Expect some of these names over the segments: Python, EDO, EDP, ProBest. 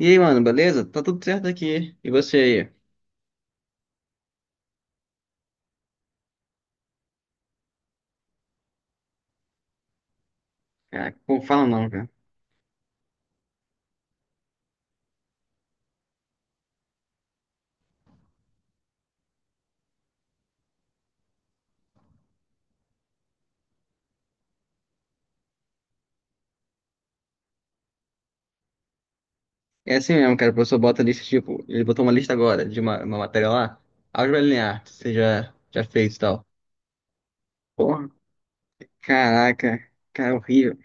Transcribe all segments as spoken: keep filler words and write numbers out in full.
E aí, mano, beleza? Tá tudo certo aqui. E você aí? Ah, não fala não, cara. É assim mesmo, cara. O professor bota lista, tipo, ele botou uma lista agora de uma, uma matéria lá. Álgebra linear, que você já, já fez e tal. Porra, caraca, cara, horrível.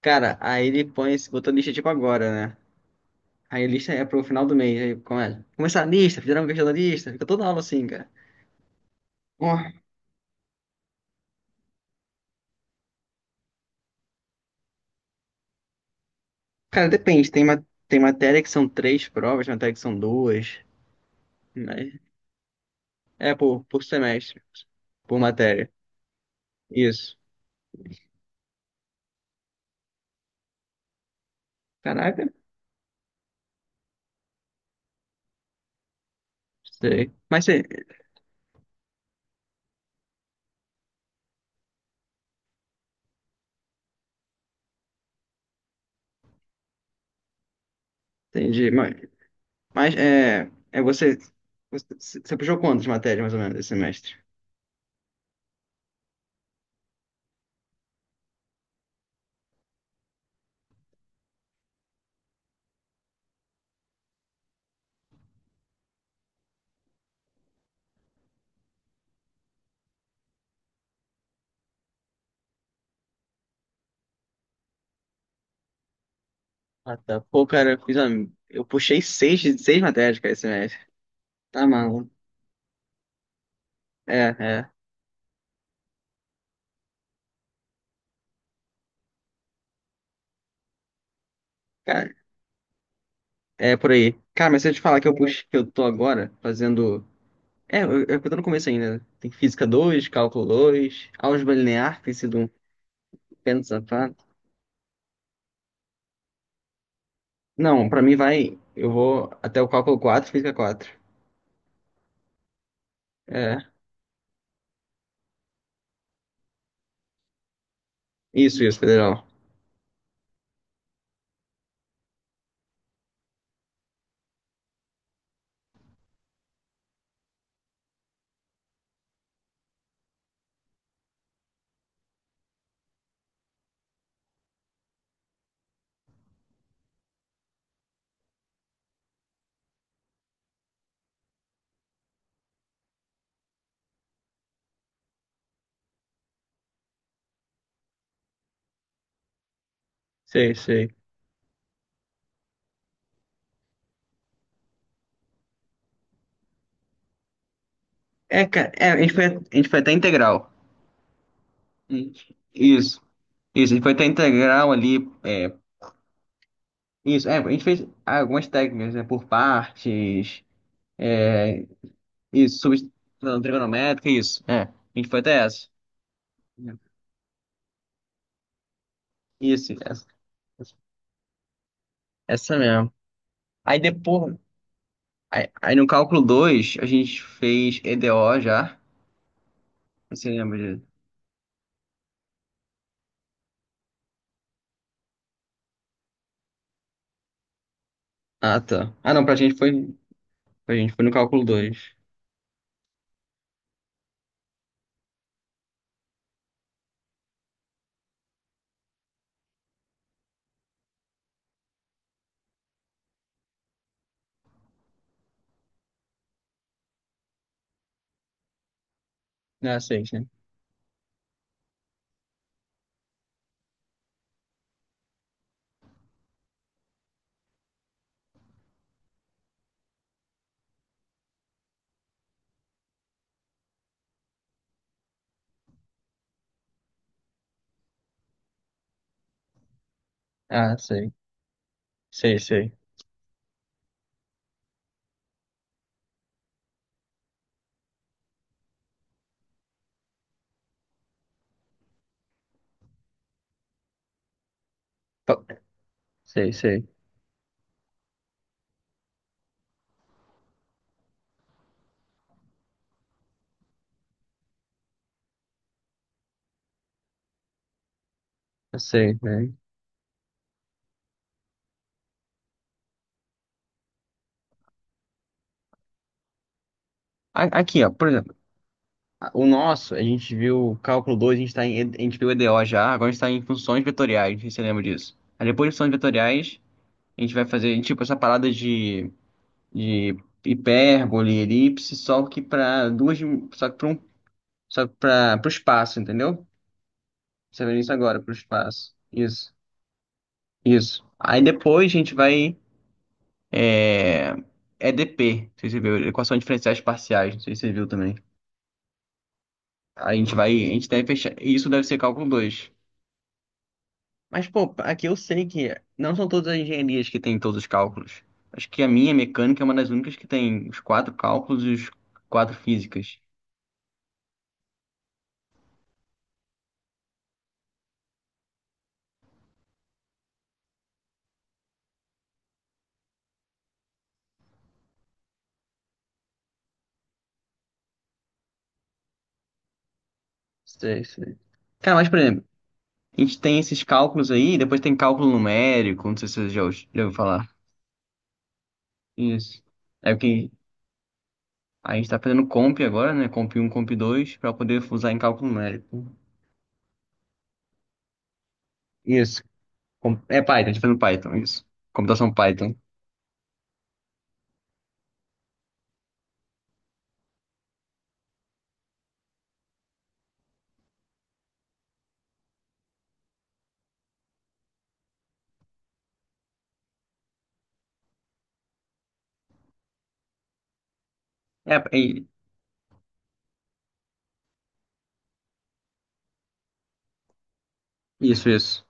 Cara, aí ele põe, esse- botou lista tipo agora, né? Aí a lista é pro final do mês. Aí começa. Começar a lista, fizeram uma questão da lista. Fica toda aula assim, cara. Porra, cara, depende. Tem, ma tem matéria que são três provas, matéria que são duas. Mas é por, por semestre, por matéria. Isso. Caraca, sei. Mas você, entendi. Mas, mas é, é você, você, você puxou quantas matérias mais ou menos esse semestre? Ah, tá. Pô, cara, eu fiz uma- eu puxei seis, seis matérias, cara, esse semestre. Tá maluco. É, é. Cara, é por aí. Cara, mas se eu te falar que eu puxo, que eu tô agora fazendo. É, eu, eu tô no começo ainda, né? Tem física dois, cálculo dois, álgebra linear, tem sido um pêndulo safado. Não, pra mim vai. Eu vou até o cálculo quatro, física quatro. É. Isso, isso, federal. Sei, sei. É, cara, é, a gente foi, a gente foi até integral. Gente. Isso, isso, a gente foi até integral ali. É, isso, é, a gente fez algumas técnicas, né, por partes, é, isso, substituição trigonométrica, isso, é. A gente foi até essa. Isso, essa, essa mesmo. Aí depois, aí, aí no cálculo dois a gente fez E D O já. Você lembra disso? Ah, tá. Ah, não, pra gente foi, pra gente foi no cálculo dois. Ah, sei, sei. Ah, sei, sei, sei. Sei, sei. Eu sei, né? A- Aqui, ó, por exemplo, a- o nosso, a gente viu o cálculo dois, a gente tá em, E- a gente viu E D O já, agora a gente tá em funções vetoriais, não sei se você lembra disso. Aí depois de funções vetoriais, a gente vai fazer, tipo, essa parada de, de hipérbole, elipse, só que para duas, dim- só que para um, só para pra, pro espaço, entendeu? Você vê isso agora, pro espaço. Isso, isso. Aí depois a gente vai, é, E D P, não sei se você viu, equação diferenciais parciais, não sei se você viu também. A gente vai, a gente deve fechar. Isso deve ser cálculo dois. Mas, pô, aqui eu sei que não são todas as engenharias que têm todos os cálculos. Acho que a minha mecânica é uma das únicas que tem os quatro cálculos e os quatro físicas. Sei, sei. Cara, mas, por exemplo, a gente tem esses cálculos aí, depois tem cálculo numérico, não sei se você já, ouvi- já ouviu falar. Isso. É porque a gente tá fazendo comp agora, né? Comp um, comp dois, para poder usar em cálculo numérico. Isso. Com- É Python, a gente tá fazendo Python, isso. Computação Python. É. Isso, isso.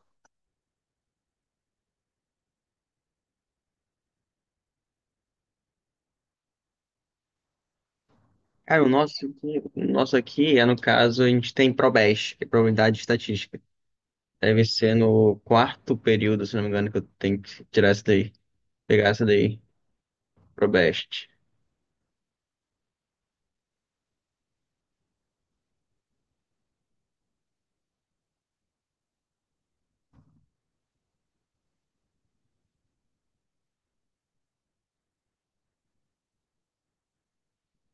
Cara, o nosso aqui, o nosso aqui é, no caso, a gente tem ProBest, que é Probabilidade e Estatística. Deve ser no quarto período, se não me engano, que eu tenho que tirar essa daí, pegar essa daí, ProBest.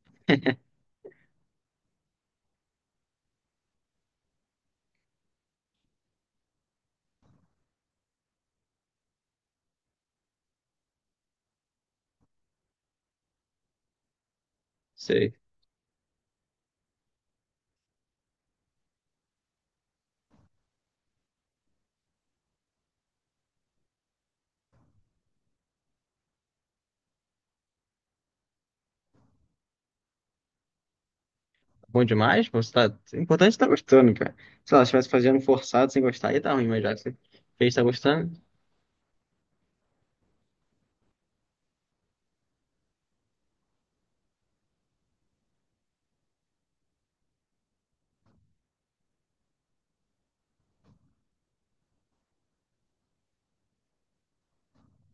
Sei. Tá bom demais, você tá. O importante é estar gostando, cara. Se ela estivesse fazendo forçado sem gostar, ia tá ruim, mas já que você fez, tá gostando,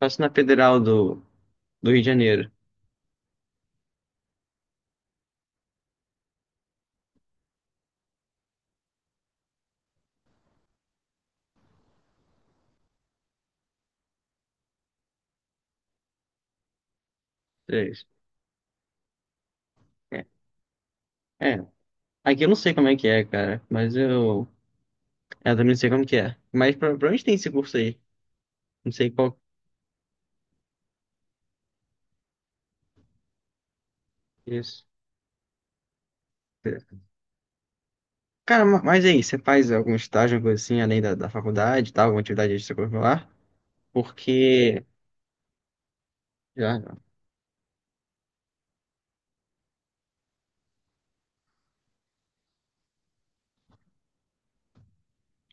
faço na Federal do, do Rio de Janeiro. É. É. É. Aqui eu não sei como é que é, cara, mas eu. Eu também não sei como que é. Mas pra, pra onde tem esse curso aí? Não sei qual. Isso. Cara, ma- mas e aí, você faz algum estágio, alguma coisa assim, além da, da faculdade e tal, alguma atividade extracurricular? Porque. Já, já.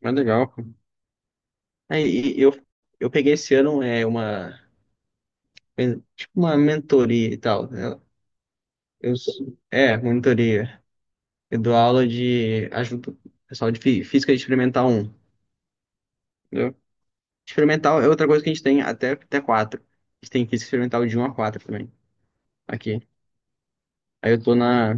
Mas legal, pô. Aí e eu, eu peguei esse ano é, uma. É, tipo uma mentoria e tal, né? Eu, sou- é, monitoria. Eu dou aula de. Ajudo o pessoal de fí- física experimental um. Entendeu? Experimental é outra coisa que a gente tem até, até quatro. A gente tem física experimental de um a quatro também. Aqui. Aí eu tô na.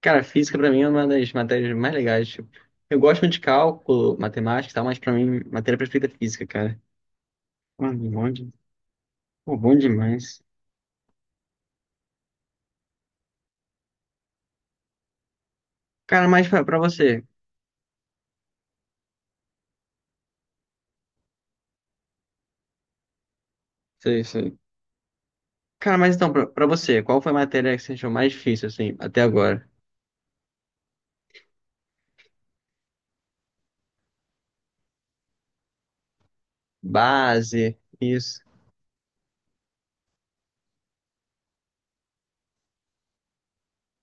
Cara, física pra mim é uma das matérias mais legais. Tipo, eu gosto muito de cálculo, matemática e tal, mas pra mim, matéria perfeita é física, cara. Mano, bom, de... Pô, bom demais. Cara, mas pra, pra você. Sei, sei. Cara, mas então, pra, pra você, qual foi a matéria que você achou mais difícil, assim, até agora? Base, isso.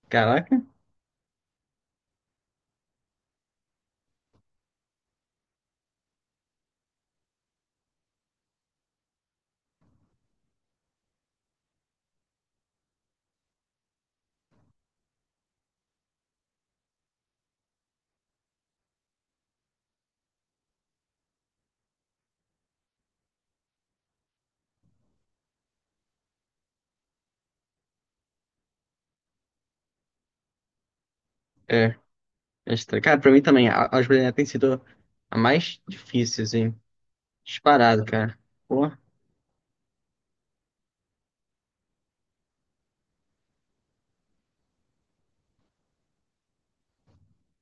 Caraca, é. É estranho. Cara, pra mim também, a a álgebra linear tem sido a mais difícil, assim. Disparado, cara. Pô.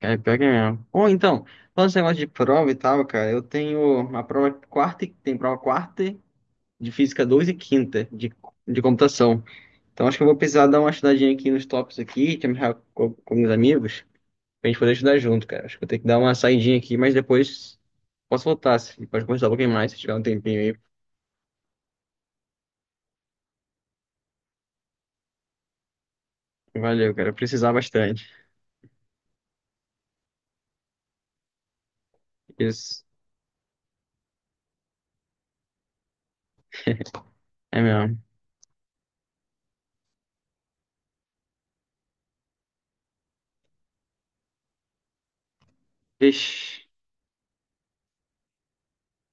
Cara, pior que é mesmo. Ou então, falando esse negócio de prova e tal, cara, eu tenho uma prova quarta, e- tem prova quarta de física dois e quinta de, de computação. Então acho que eu vou precisar dar uma estudadinha aqui nos tópicos aqui, te amarrar com, com meus amigos, pra gente poder estudar junto, cara. Acho que eu tenho que dar uma saidinha aqui, mas depois posso voltar, se, pode conversar um pouquinho mais, se tiver um tempinho aí. Valeu, cara, eu precisar bastante. Isso, é mesmo. Ixi,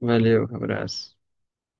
valeu, abraço.